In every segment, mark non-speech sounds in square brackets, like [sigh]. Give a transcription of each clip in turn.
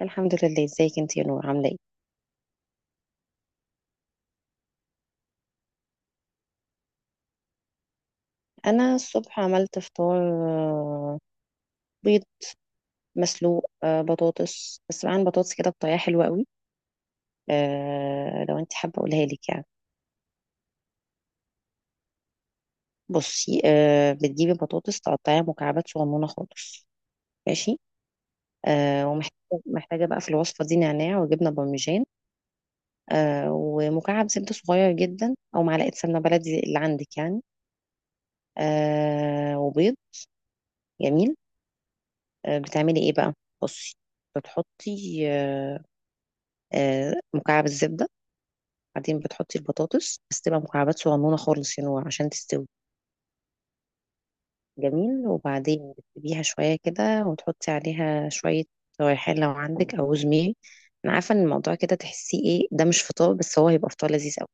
الحمد لله، ازيك انت يا نور؟ عامله ايه؟ انا الصبح عملت فطار، آه، بيض مسلوق، بطاطس، بس معاها بطاطس كده بطريقه حلوه قوي. لو انت حابه اقولها لك يعني. بصي، بتجيبي بطاطس تقطعيها مكعبات صغنونه خالص. ماشي. ومحتاجه، محتاجه بقى في الوصفه دي نعناع وجبنه بارميجان، ومكعب زبده صغير جدا او معلقه سمنه بلدي اللي عندك يعني، وبيض. جميل. بتعملي ايه بقى؟ بصي، بتحطي مكعب الزبدة، بعدين بتحطي البطاطس بس تبقى مكعبات صغنونة خالص يعني عشان تستوي. جميل. وبعدين بتسيبيها شوية كده وتحطي عليها شوية ريحان لو عندك أو زميل. أنا عارفة إن الموضوع كده تحسيه إيه، ده مش فطار، بس هو هيبقى فطار لذيذ أوي.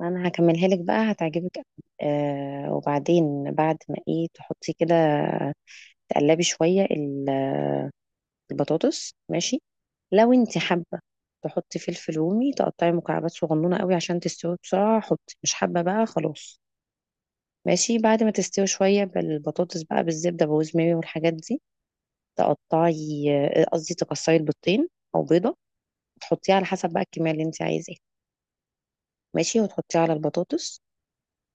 أنا هكملها لك بقى، هتعجبك أوي. وبعدين بعد ما إيه تحطي كده، تقلبي شوية البطاطس. ماشي. لو انت حابه تحطي فلفل رومي تقطعي مكعبات صغنونه قوي عشان تستوي بسرعه، حطي؛ مش حابه بقى خلاص. ماشي. بعد ما تستوي شويه بالبطاطس بقى بالزبده، بوز ماري والحاجات دي، تقطعي، قصدي تكسري البيضتين او بيضه، تحطيها على حسب بقى الكميه اللي انت عايزاها. ماشي. وتحطيها على البطاطس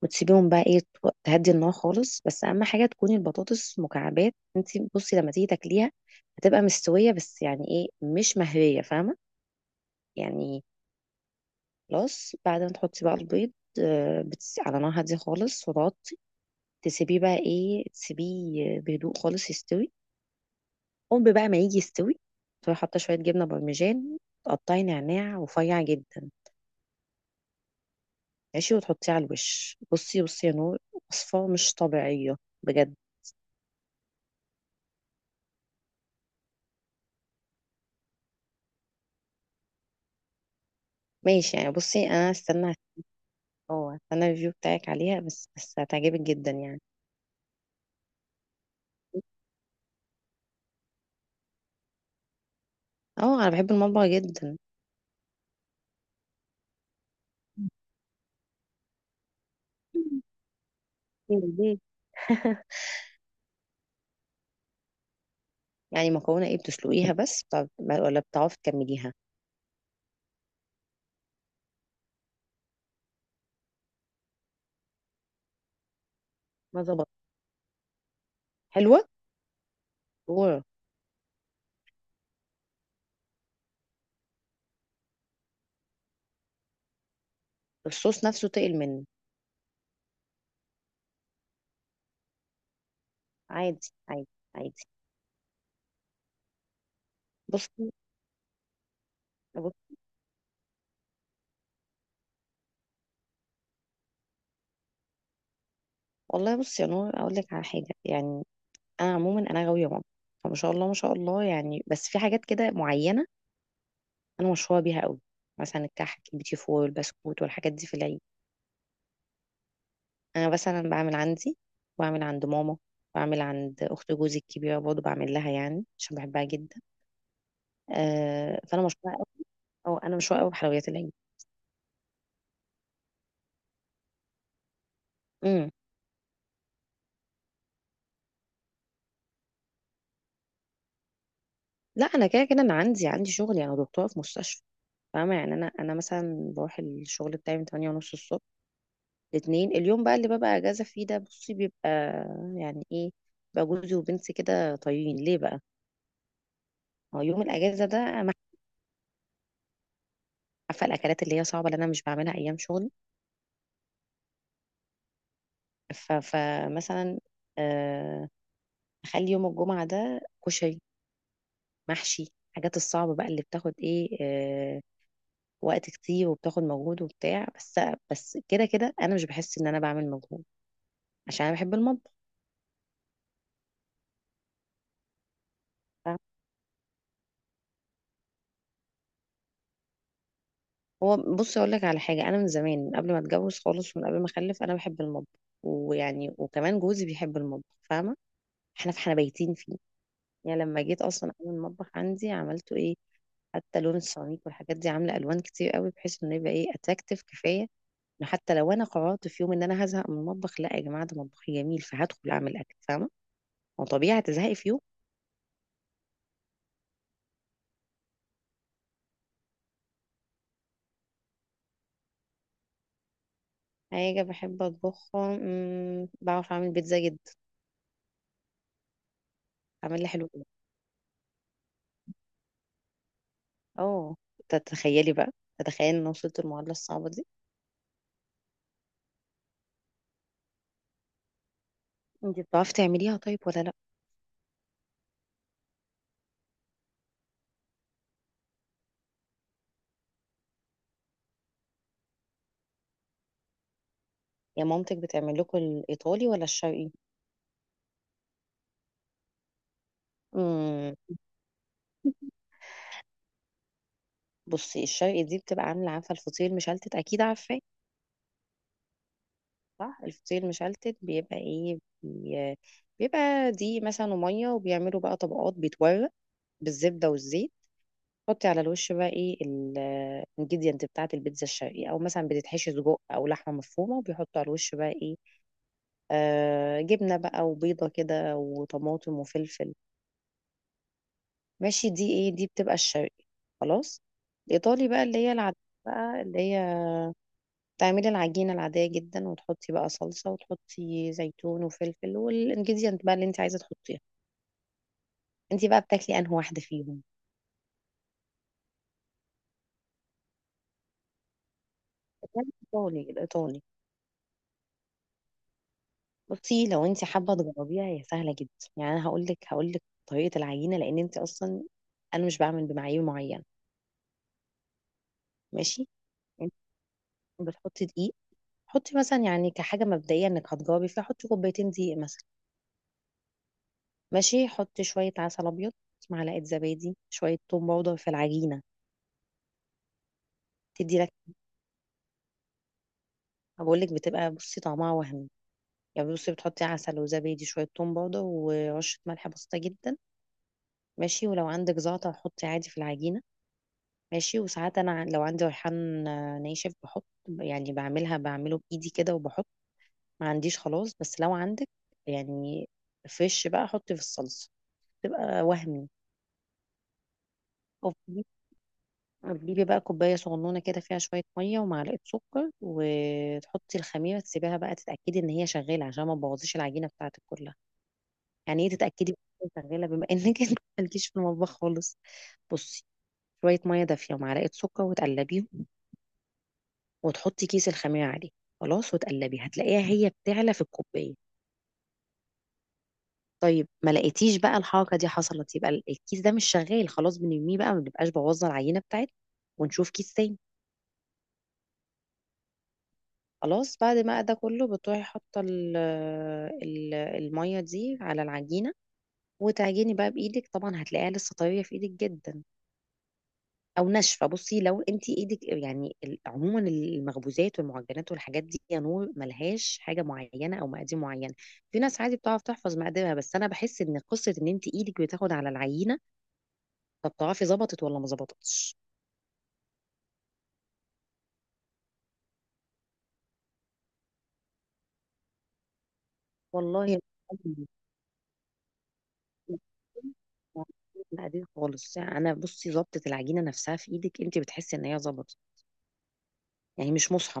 وتسيبيهم بقى ايه، تهدي النار خالص. بس اهم حاجه تكوني البطاطس مكعبات انت. بصي، لما تيجي تاكليها هتبقى مستويه بس يعني ايه، مش مهريه، فاهمه يعني؟ خلاص. بعد ما تحطي بقى البيض، على نار هادية خالص، وتغطي، تسيبيه بقى ايه، تسيبيه بهدوء خالص يستوي. قوم بقى ما يجي يستوي، تروحي حاطة شوية جبنة بارميجان، تقطعي نعناع رفيع جدا. ماشي. وتحطيه على الوش. بصي بصي يا نور، وصفة مش طبيعية بجد. ماشي يعني. بصي انا استنى، اه استنى الريفيو بتاعك عليها بس، بس هتعجبك جدا يعني. اه انا بحب المطبخ جدا. [laughs] ليه؟ يعني مكرونة ايه، بتسلقيها بس طب، ولا بتعرفي تكمليها؟ ما ظبط. حلوة. اوه. الصوص نفسه تقل منه. عادي عادي. عادي. بصي. بص. والله بصي يا نور، اقول لك على حاجة يعني. انا عموما انا غاوية ماما، فما شاء الله ما شاء الله يعني، بس في حاجات كده معينة انا مشهورة بيها قوي، مثلا الكحك، البيتي فور، البسكوت، والحاجات دي في العيد. انا مثلا بعمل عندي، بعمل عند ماما، بعمل عند اخت جوزي الكبيره برضه بعمل لها يعني عشان بحبها جدا. آه، فانا مشهوره قوي، او انا مشهوره قوي بحلويات العيد. امم. لا، انا كده كده انا عندي شغل يعني، دكتوره في مستشفى. فاهمه يعني؟ انا، انا مثلا بروح الشغل بتاعي من 8 ونص الصبح. لاتنين اليوم بقى اللي ببقى اجازه فيه ده، بصي بيبقى يعني ايه بقى، جوزي وبنتي كده طايرين ليه بقى. هو يوم الاجازه ده أنا عارفه الاكلات اللي هي صعبه اللي انا مش بعملها ايام شغلي، فمثلا آه، اخلي يوم الجمعه ده كشري، محشي، الحاجات الصعبه بقى اللي بتاخد ايه، وقت كتير وبتاخد مجهود وبتاع. بس، بس كده كده انا مش بحس ان انا بعمل مجهود عشان انا بحب المطبخ. فاهمة؟ هو بص، اقول لك على حاجه. انا من زمان، من قبل ما اتجوز خالص ومن قبل ما اخلف، انا بحب المطبخ، ويعني وكمان جوزي بيحب المطبخ، فاهمه؟ احنا، فاحنا بايتين فيه. يعني لما جيت اصلا اعمل المطبخ عندي عملته ايه، حتى لون السيراميك والحاجات دي عامله الوان كتير قوي بحيث انه يبقى ايه، اتراكتيف كفايه، انه حتى لو انا قررت في يوم ان انا هزهق من المطبخ، لا يا جماعه ده مطبخي جميل، فهدخل اعمل اكل، فاهمه؟ هو طبيعي هتزهقي في يوم. حاجه بحب اطبخها بعرف اعمل بيتزا جدا، بعملها حلو. اه. تتخيلي بقى، تتخيلي ان أنا وصلت المعادلة الصعبة دي. انت بتعرفي تعمليها طيب، ولا لا؟ يا مامتك بتعمل لكم الايطالي ولا الشرقي؟ امم. [laughs] بصي الشرقي دي بتبقى عاملة، عارفة الفطير المشلتت، أكيد عارفاه. صح، الفطير المشلتت بيبقى إيه، بيبقى دي مثلا ومية، وبيعملوا بقى طبقات، بيتورق بالزبدة والزيت. حطي على الوش بقى إيه الانجيديانت بتاعة البيتزا الشرقي، أو مثلا بتتحشي سجق أو لحمة مفرومة، وبيحطوا على الوش بقى إيه، جبنة بقى وبيضة كده وطماطم وفلفل. ماشي. دي ايه، دي بتبقى الشرقي. خلاص. الإيطالي بقى اللي هي العادية، بقى اللي هي تعملي العجينة العادية جدا وتحطي بقى صلصة، وتحطي زيتون وفلفل والانجريدينت بقى اللي انت عايزة تحطيها. انت بقى بتاكلي انهي واحدة فيهم؟ الإيطالي، الإيطالي. بصي، لو انت حابة تجربيها هي سهلة جدا. يعني انا هقول لك طريقة العجينة، لأن انت أصلا، انا مش بعمل بمعايير معينة. ماشي. انت بتحطي دقيق، حطي مثلا يعني كحاجه مبدئيه انك هتجاوبي فيها حطي كوبايتين دقيق مثلا. ماشي. حطي شويه عسل ابيض، معلقه زبادي، شويه توم باودر في العجينه، تدي لك، بقول لك بتبقى بصي طعمها وهمي. يعني بصي، بتحطي عسل وزبادي، شويه توم باودر، ورشه ملح بسيطه جدا. ماشي. ولو عندك زعتر حطي عادي في العجينه. ماشي. وساعات انا لو عندي ريحان ناشف بحط، يعني بعملها، بعمله بايدي كده وبحط. ما عنديش خلاص، بس لو عندك يعني فريش بقى حطي في الصلصه، تبقى وهمي. تجيبي بقى كوباية صغنونة كده فيها شوية مية ومعلقة سكر، وتحطي الخميرة، تسيبيها بقى تتأكدي إن هي شغالة عشان ما تبوظيش العجينة بتاعتك كلها. يعني إيه تتأكدي إن هي شغالة، بما إنك [laughs] إنت مالكيش في المطبخ خالص. بصي، شوية مية دافية ومعلقة سكر، وتقلبيهم، وتحطي كيس الخميرة عليه خلاص، وتقلبي، هتلاقيها هي بتعلى في الكوباية. طيب ما لقيتيش بقى الحركة دي حصلت، يبقى الكيس ده مش شغال خلاص، بنرميه بقى ما بنبقاش بوظنا العجينة بتاعتنا، ونشوف كيس تاني. خلاص. بعد ما ده كله بتروحي حاطه الميه دي على العجينه، وتعجني بقى بايدك، طبعا هتلاقيها لسه طريه في ايدك جدا او ناشفه. بصي، لو انت ايدك يعني عموما المخبوزات والمعجنات والحاجات دي يا نور ملهاش حاجه معينه او مقادير معينه. في ناس عادي بتعرف تحفظ مقاديرها، بس انا بحس ان قصه ان انت ايدك بتاخد على العينه، فبتعرفي ظبطت ولا ما ظبطتش. والله بعدين خالص انا بصي، ظبطة العجينة نفسها في ايدك، انت بتحسي ان هي ظبطت، يعني مش مصحف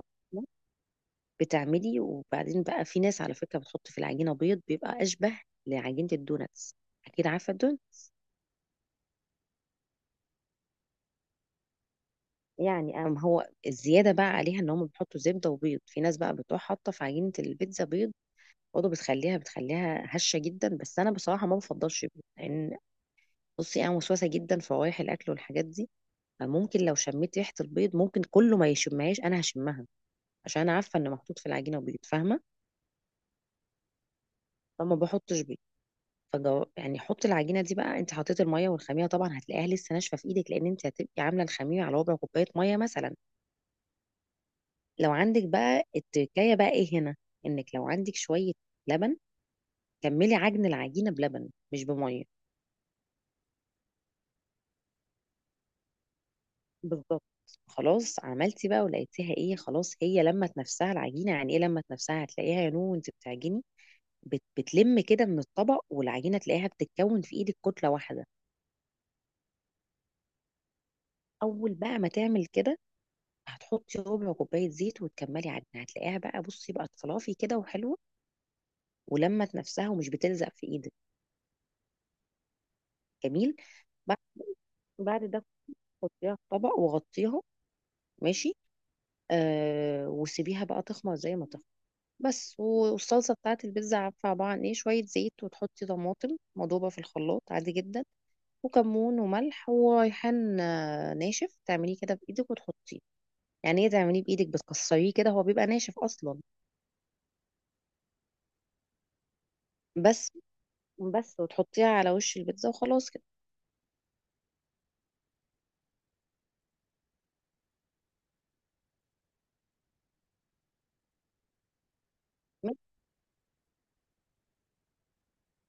بتعملي. وبعدين بقى في ناس على فكرة بتحط في العجينة بيض، بيبقى اشبه لعجينة الدوناتس، اكيد عارفة الدون. يعني أم هو الزيادة بقى عليها ان هم بيحطوا زبدة وبيض، في ناس بقى بتروح حاطة في عجينة البيتزا بيض برضه، بتخليها، بتخليها هشة جدا، بس انا بصراحة ما بفضلش بيض، لان بصي انا وسوسة جدا في روايح الاكل والحاجات دي، ممكن لو شميت ريحة البيض، ممكن كله ما يشمهاش أنا هشمها، عشان أنا عارفة إن محطوط في العجينة بيض، فاهمة؟ فما بحطش بيض. يعني حط العجينة دي بقى، أنت حطيت المية والخميرة، طبعا هتلاقيها لسه ناشفة في إيدك، لأن أنت هتبقي عاملة الخميرة على ربع كوباية مية مثلا. لو عندك بقى التركاية بقى إيه هنا، إنك لو عندك شوية لبن، كملي عجن العجينة بلبن مش بمية. بالظبط. خلاص. عملتي بقى ولقيتيها ايه، خلاص هي لمت نفسها العجينه. يعني ايه لمت نفسها، هتلاقيها يا نو وانت بتعجني، بتلم كده من الطبق، والعجينة تلاقيها بتتكون في ايدك كتلة واحدة. اول بقى ما تعمل كده، هتحطي ربع كوباية زيت وتكملي عجينة، هتلاقيها بقى بصي بقت فلافي كده وحلوة، ولمت نفسها ومش بتلزق في ايدك. جميل. بعد بعد ده حطيها في طبق وغطيها. ماشي. وسيبيها بقى تخمر زي ما تخمر. بس. والصلصه بتاعت البيتزا، عارفه عباره عن ايه، شويه زيت وتحطي طماطم مضوبه في الخلاط عادي جدا، وكمون وملح وريحان ناشف، تعمليه كده بايدك وتحطيه. يعني ايه تعمليه بايدك، بتكسريه كده، هو بيبقى ناشف اصلا. بس بس وتحطيها على وش البيتزا وخلاص كده.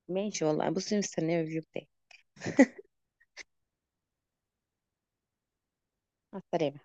ماشي. والله بصي مستنيه الريفيو بتاعك. [laughs] مع السلامه.